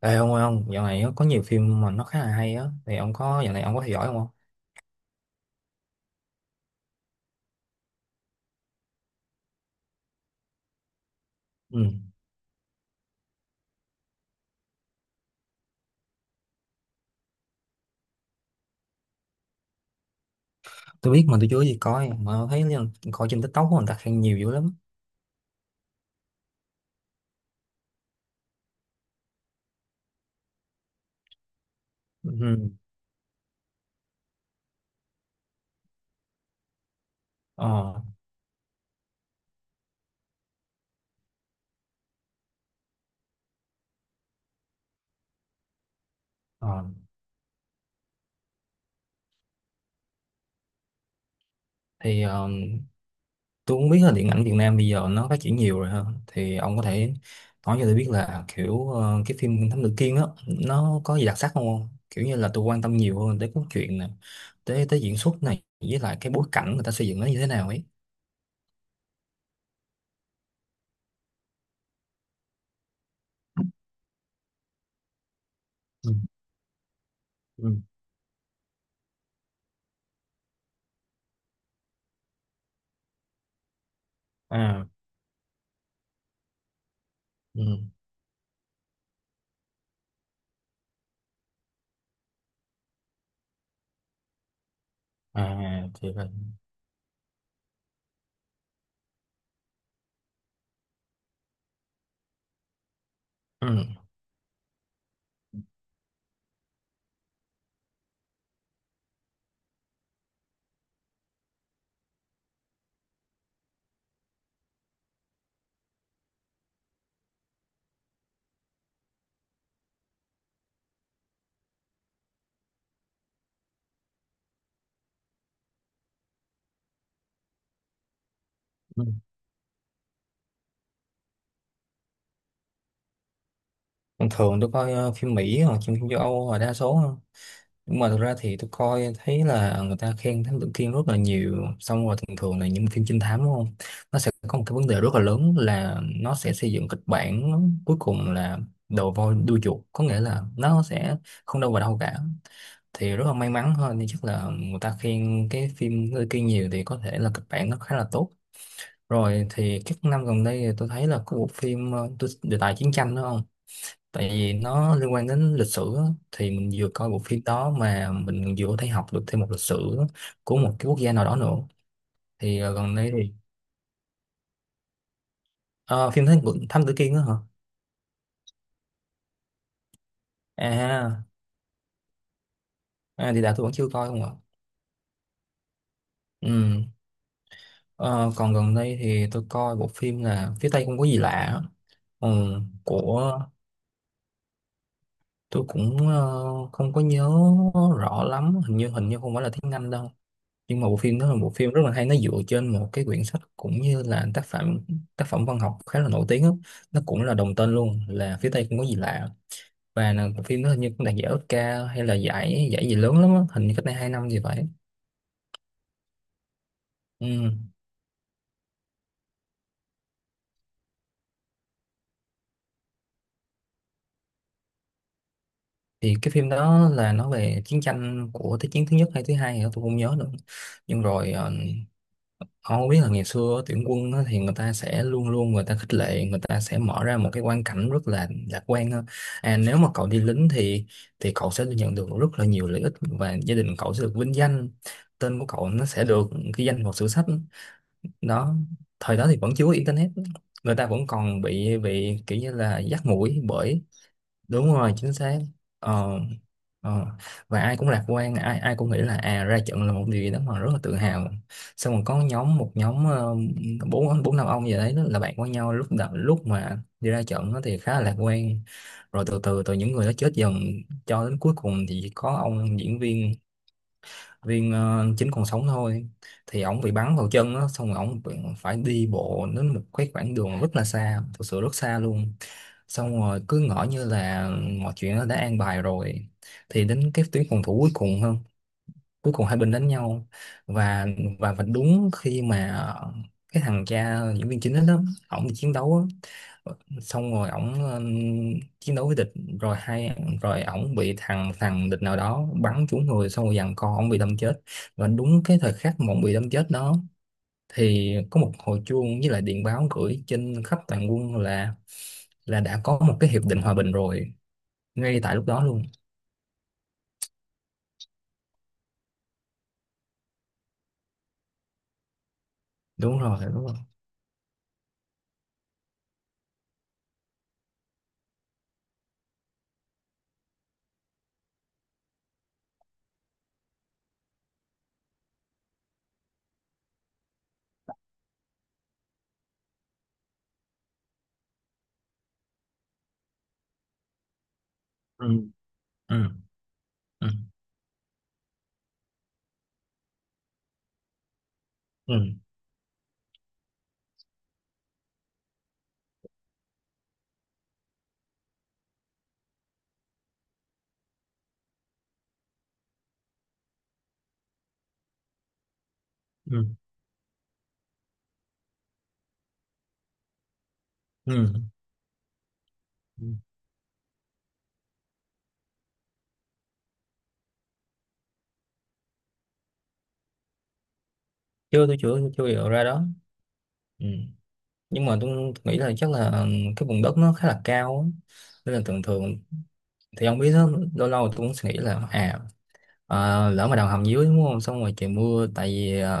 Ê ông ơi ông, dạo này á, có nhiều phim mà nó khá là hay á, thì ông có dạo này ông có theo dõi không? Ừ. Tôi biết mà tôi chưa gì coi, mà thấy là coi trên TikTok của người ta khen nhiều dữ lắm. Ừ. Ờ, ờ. Thì tôi cũng biết là điện ảnh Việt Nam bây giờ nó phát triển nhiều rồi ha. Thì ông có thể nói cho tôi biết là kiểu cái phim Thám Tử Kiên á, nó có gì đặc sắc không? Kiểu như là tôi quan tâm nhiều hơn tới cốt truyện này, tới tới diễn xuất này, với lại cái bối cảnh người ta xây dựng nó như thế nào ấy. Ừ. Ừ. À. Ừ. À, thì vậy. Ừ. Ừ. Thường thường tôi coi phim Mỹ hoặc phim châu Âu là đa số hơn. Nhưng mà thực ra thì tôi coi thấy là người ta khen Thám Tử Kiên rất là nhiều. Xong rồi thường thường là những phim trinh thám đúng không? Nó sẽ có một cái vấn đề rất là lớn là nó sẽ xây dựng kịch bản cuối cùng là đầu voi đuôi chuột. Có nghĩa là nó sẽ không đâu vào đâu cả. Thì rất là may mắn thôi. Nhưng chắc là người ta khen cái phim Thám Tử Kiên nhiều thì có thể là kịch bản nó khá là tốt. Rồi thì các năm gần đây thì tôi thấy là có bộ phim đề tài chiến tranh đúng không? Tại vì nó liên quan đến lịch sử á, thì mình vừa coi bộ phim đó mà mình vừa có thể học được thêm một lịch sử của một cái quốc gia nào đó nữa. Thì gần đây thì ờ, phim Thám Tử Kiên đó hả? À, à, thì đã tôi vẫn chưa coi không ạ. Ừ. Ờ, còn gần đây thì tôi coi bộ phim là phía Tây không có gì lạ á. Ừ. Của tôi cũng không có nhớ rõ lắm, hình như không phải là tiếng Anh đâu, nhưng mà bộ phim đó là một phim rất là hay, nó dựa trên một cái quyển sách cũng như là tác phẩm văn học khá là nổi tiếng á. Nó cũng là đồng tên luôn là phía Tây không có gì lạ, và là bộ phim đó hình như cũng đạt giải Oscar hay là giải giải gì lớn lắm á. Hình như cách đây 2 năm gì vậy. Ừ. Thì cái phim đó là nói về chiến tranh của thế chiến thứ nhất hay thứ hai thì tôi không nhớ nữa. Nhưng rồi ông biết là ngày xưa tuyển quân á, thì người ta sẽ luôn luôn người ta khích lệ, người ta sẽ mở ra một cái quan cảnh rất là lạc quan á. À, nếu mà cậu đi lính thì cậu sẽ nhận được rất là nhiều lợi ích, và gia đình cậu sẽ được vinh danh, tên của cậu nó sẽ được ghi danh vào sử sách đó. Thời đó thì vẫn chưa có internet, người ta vẫn còn bị kiểu như là dắt mũi bởi. Đúng rồi, chính xác. Ờ, ờ. Và ai cũng lạc quan, ai ai cũng nghĩ là à ra trận là một điều gì đó mà rất là tự hào. Xong rồi có nhóm một nhóm bốn bốn năm ông gì đấy đó là bạn với nhau lúc đầu, lúc mà đi ra trận á thì khá là lạc quan. Rồi từ từ từ những người đó chết dần, cho đến cuối cùng thì chỉ có ông diễn viên viên ờ, chính còn sống thôi. Thì ổng bị bắn vào chân á, xong rồi ổng phải đi bộ đến một cái khoảng đường rất là xa, thực sự rất xa luôn. Xong rồi cứ ngỡ như là mọi chuyện nó đã an bài rồi. Thì đến cái tuyến phòng thủ cuối cùng hai bên đánh nhau, và và đúng khi mà cái thằng cha diễn viên chính đó, đó ổng đi chiến đấu á, xong rồi ổng chiến đấu với địch, rồi hai rồi ổng bị thằng thằng địch nào đó bắn trúng người, xong rồi giằng co ổng bị đâm chết. Và đúng cái thời khắc mà ổng bị đâm chết đó, thì có một hồi chuông với lại điện báo gửi trên khắp toàn quân là đã có một cái hiệp định hòa bình rồi, ngay tại lúc đó luôn. Đúng rồi, đúng rồi. ừ, ừ, ừ, ừ, ừ. Ừ. Ừ. Chưa, tôi chưa chưa hiểu ra đó. Ừ. Nhưng mà tôi nghĩ là chắc là cái vùng đất nó khá là cao á, nên là thường thường thì ông biết đó, lâu lâu tôi cũng suy nghĩ là à, lỡ mà đào hầm dưới đúng không, xong rồi trời mưa, tại vì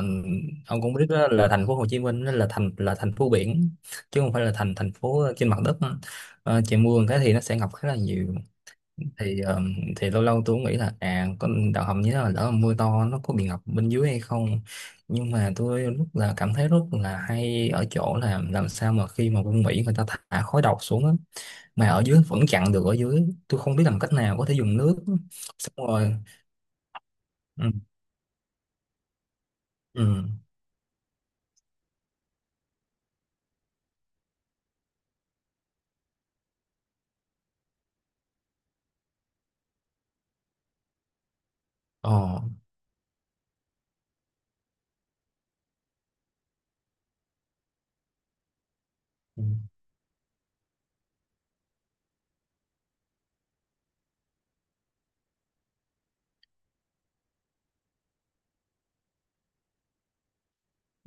ông cũng biết đó là thành phố Hồ Chí Minh nó là thành phố biển, chứ không phải là thành thành phố trên mặt đất. Trời mưa một cái thì nó sẽ ngập khá là nhiều. thì ờ, thì lâu lâu tôi cũng nghĩ là à con đào hầm như thế là lỡ mà mưa to nó có bị ngập bên dưới hay không. Nhưng mà tôi rất là cảm thấy rất là hay ở chỗ là làm sao mà khi mà quân Mỹ người ta thả khói độc xuống á, mà ở dưới vẫn chặn được ở dưới, tôi không biết làm cách nào có thể dùng nước. Xong rồi. Ừ. Ừ. Ờ,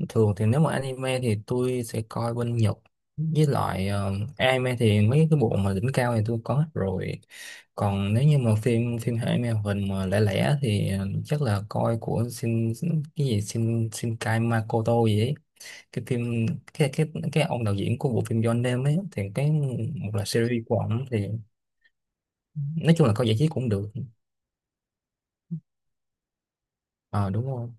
Thường thì nếu mà anime thì tôi sẽ coi bên Nhật, với lại anime thì mấy cái bộ mà đỉnh cao thì tôi có hết rồi. Còn nếu như mà phim phim anime hoạt hình mà lẻ lẻ thì chắc là coi của Shin, cái gì Shinkai Makoto gì ấy. Cái phim cái cái cái ông đạo diễn của bộ phim Your Name ấy, thì cái một là series của ổng thì nói chung là coi giải trí cũng được. Ờ, đúng rồi.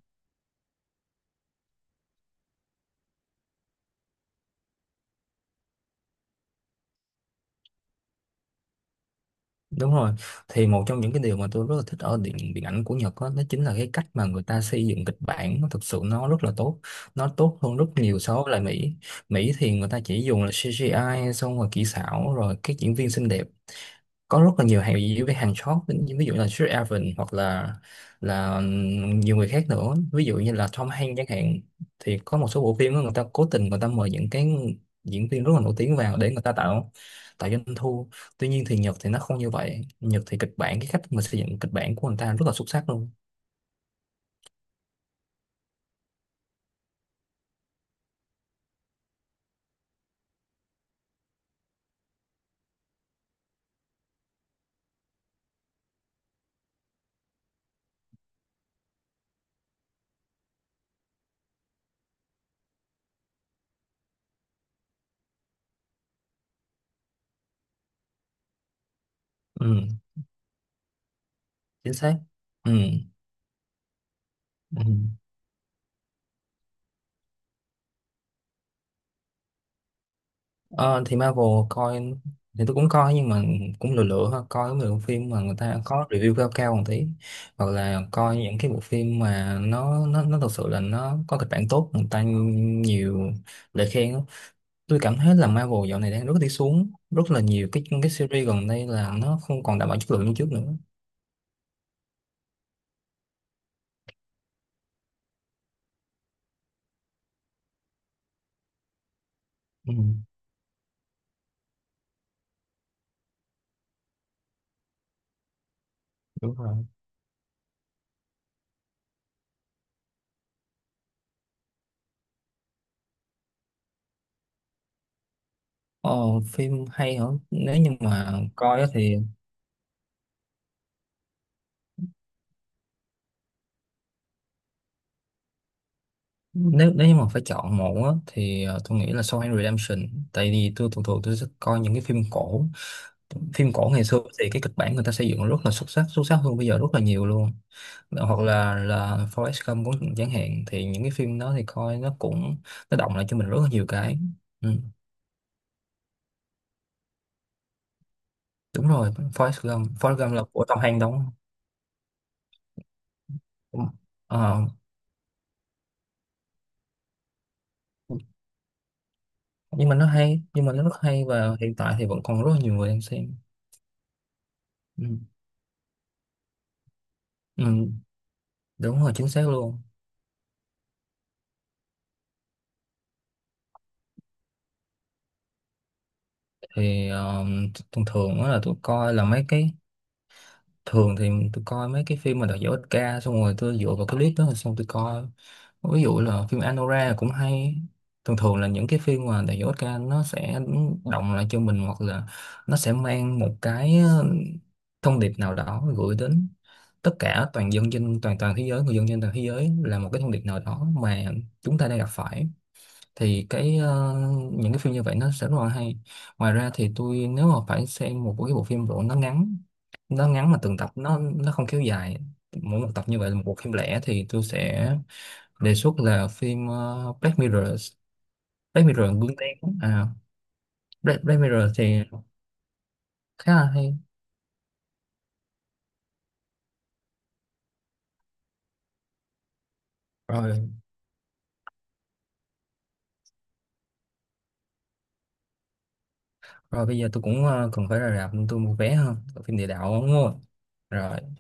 Đúng rồi, thì một trong những cái điều mà tôi rất là thích ở điện điện ảnh của Nhật đó, chính là cái cách mà người ta xây dựng kịch bản, nó thực sự nó rất là tốt, nó tốt hơn rất nhiều so với lại Mỹ. Mỹ thì người ta chỉ dùng là CGI xong rồi kỹ xảo rồi các diễn viên xinh đẹp, có rất là nhiều hàng review với hàng short, ví ví dụ là Sir Evan hoặc là nhiều người khác nữa, ví dụ như là Tom Hanks chẳng hạn. Thì có một số bộ phim á, người ta cố tình người ta mời những cái diễn viên rất là nổi tiếng vào để người ta tạo tạo doanh thu. Tuy nhiên thì Nhật thì nó không như vậy, Nhật thì kịch bản, cái cách mà xây dựng kịch bản của người ta rất là xuất sắc luôn. Ừ, chính xác. Ừ. Ừ. Ờ, thì Marvel coi, thì tôi cũng coi nhưng mà cũng lựa lựa thôi, coi mấy bộ phim mà người ta có review cao cao một tí, hoặc là coi những cái bộ phim mà nó thật sự là nó có kịch bản tốt, người ta nhiều lời khen á. Tôi cảm thấy là Marvel dạo này đang rất đi xuống, rất là nhiều cái series gần đây là nó không còn đảm bảo chất lượng như trước nữa. Ừ, đúng rồi. ờ, Phim hay hả? Nếu như mà coi á thì, nếu nếu như mà phải chọn một á, thì tôi nghĩ là Shawshank Redemption, tại vì tôi thường thường tôi sẽ coi những cái phim cổ. Phim cổ ngày xưa thì cái kịch bản người ta xây dựng rất là xuất sắc, xuất sắc hơn bây giờ rất là nhiều luôn. Hoặc là Forrest Gump cũng chẳng hạn, thì những cái phim đó thì coi nó cũng nó động lại cho mình rất là nhiều cái. Ừ, đúng rồi. Forrest Gump là của Tom Hanks đóng. Ờ, nhưng mà nó rất hay, và hiện tại thì vẫn còn rất là nhiều người đang xem. Ừ, ừ, đúng rồi chính xác luôn. Thì thông thường đó là tôi coi là mấy cái, thường thì tôi coi mấy cái phim mà đạt giải Oscar, xong rồi tôi dựa vào cái clip đó rồi xong tôi coi. Ví dụ là phim Anora cũng hay. Thường thường là những cái phim mà đạt giải Oscar nó sẽ động lại cho mình, hoặc là nó sẽ mang một cái thông điệp nào đó gửi đến tất cả toàn dân trên toàn toàn thế giới, người dân trên toàn thế giới, là một cái thông điệp nào đó mà chúng ta đang gặp phải. Thì cái những cái phim như vậy nó sẽ rất là hay. Ngoài ra thì tôi nếu mà phải xem một cái bộ phim bộ, nó ngắn, nó ngắn mà từng tập nó không kéo dài, mỗi một tập như vậy là một bộ phim lẻ, thì tôi sẽ đề xuất là phim Black Mirror. Black Mirror gương đen à, Black Mirror thì khá là hay. Rồi, rồi bây giờ tôi cũng cần phải ra rạp nên tôi mua vé hơn phim Địa Đạo đúng không? Rồi.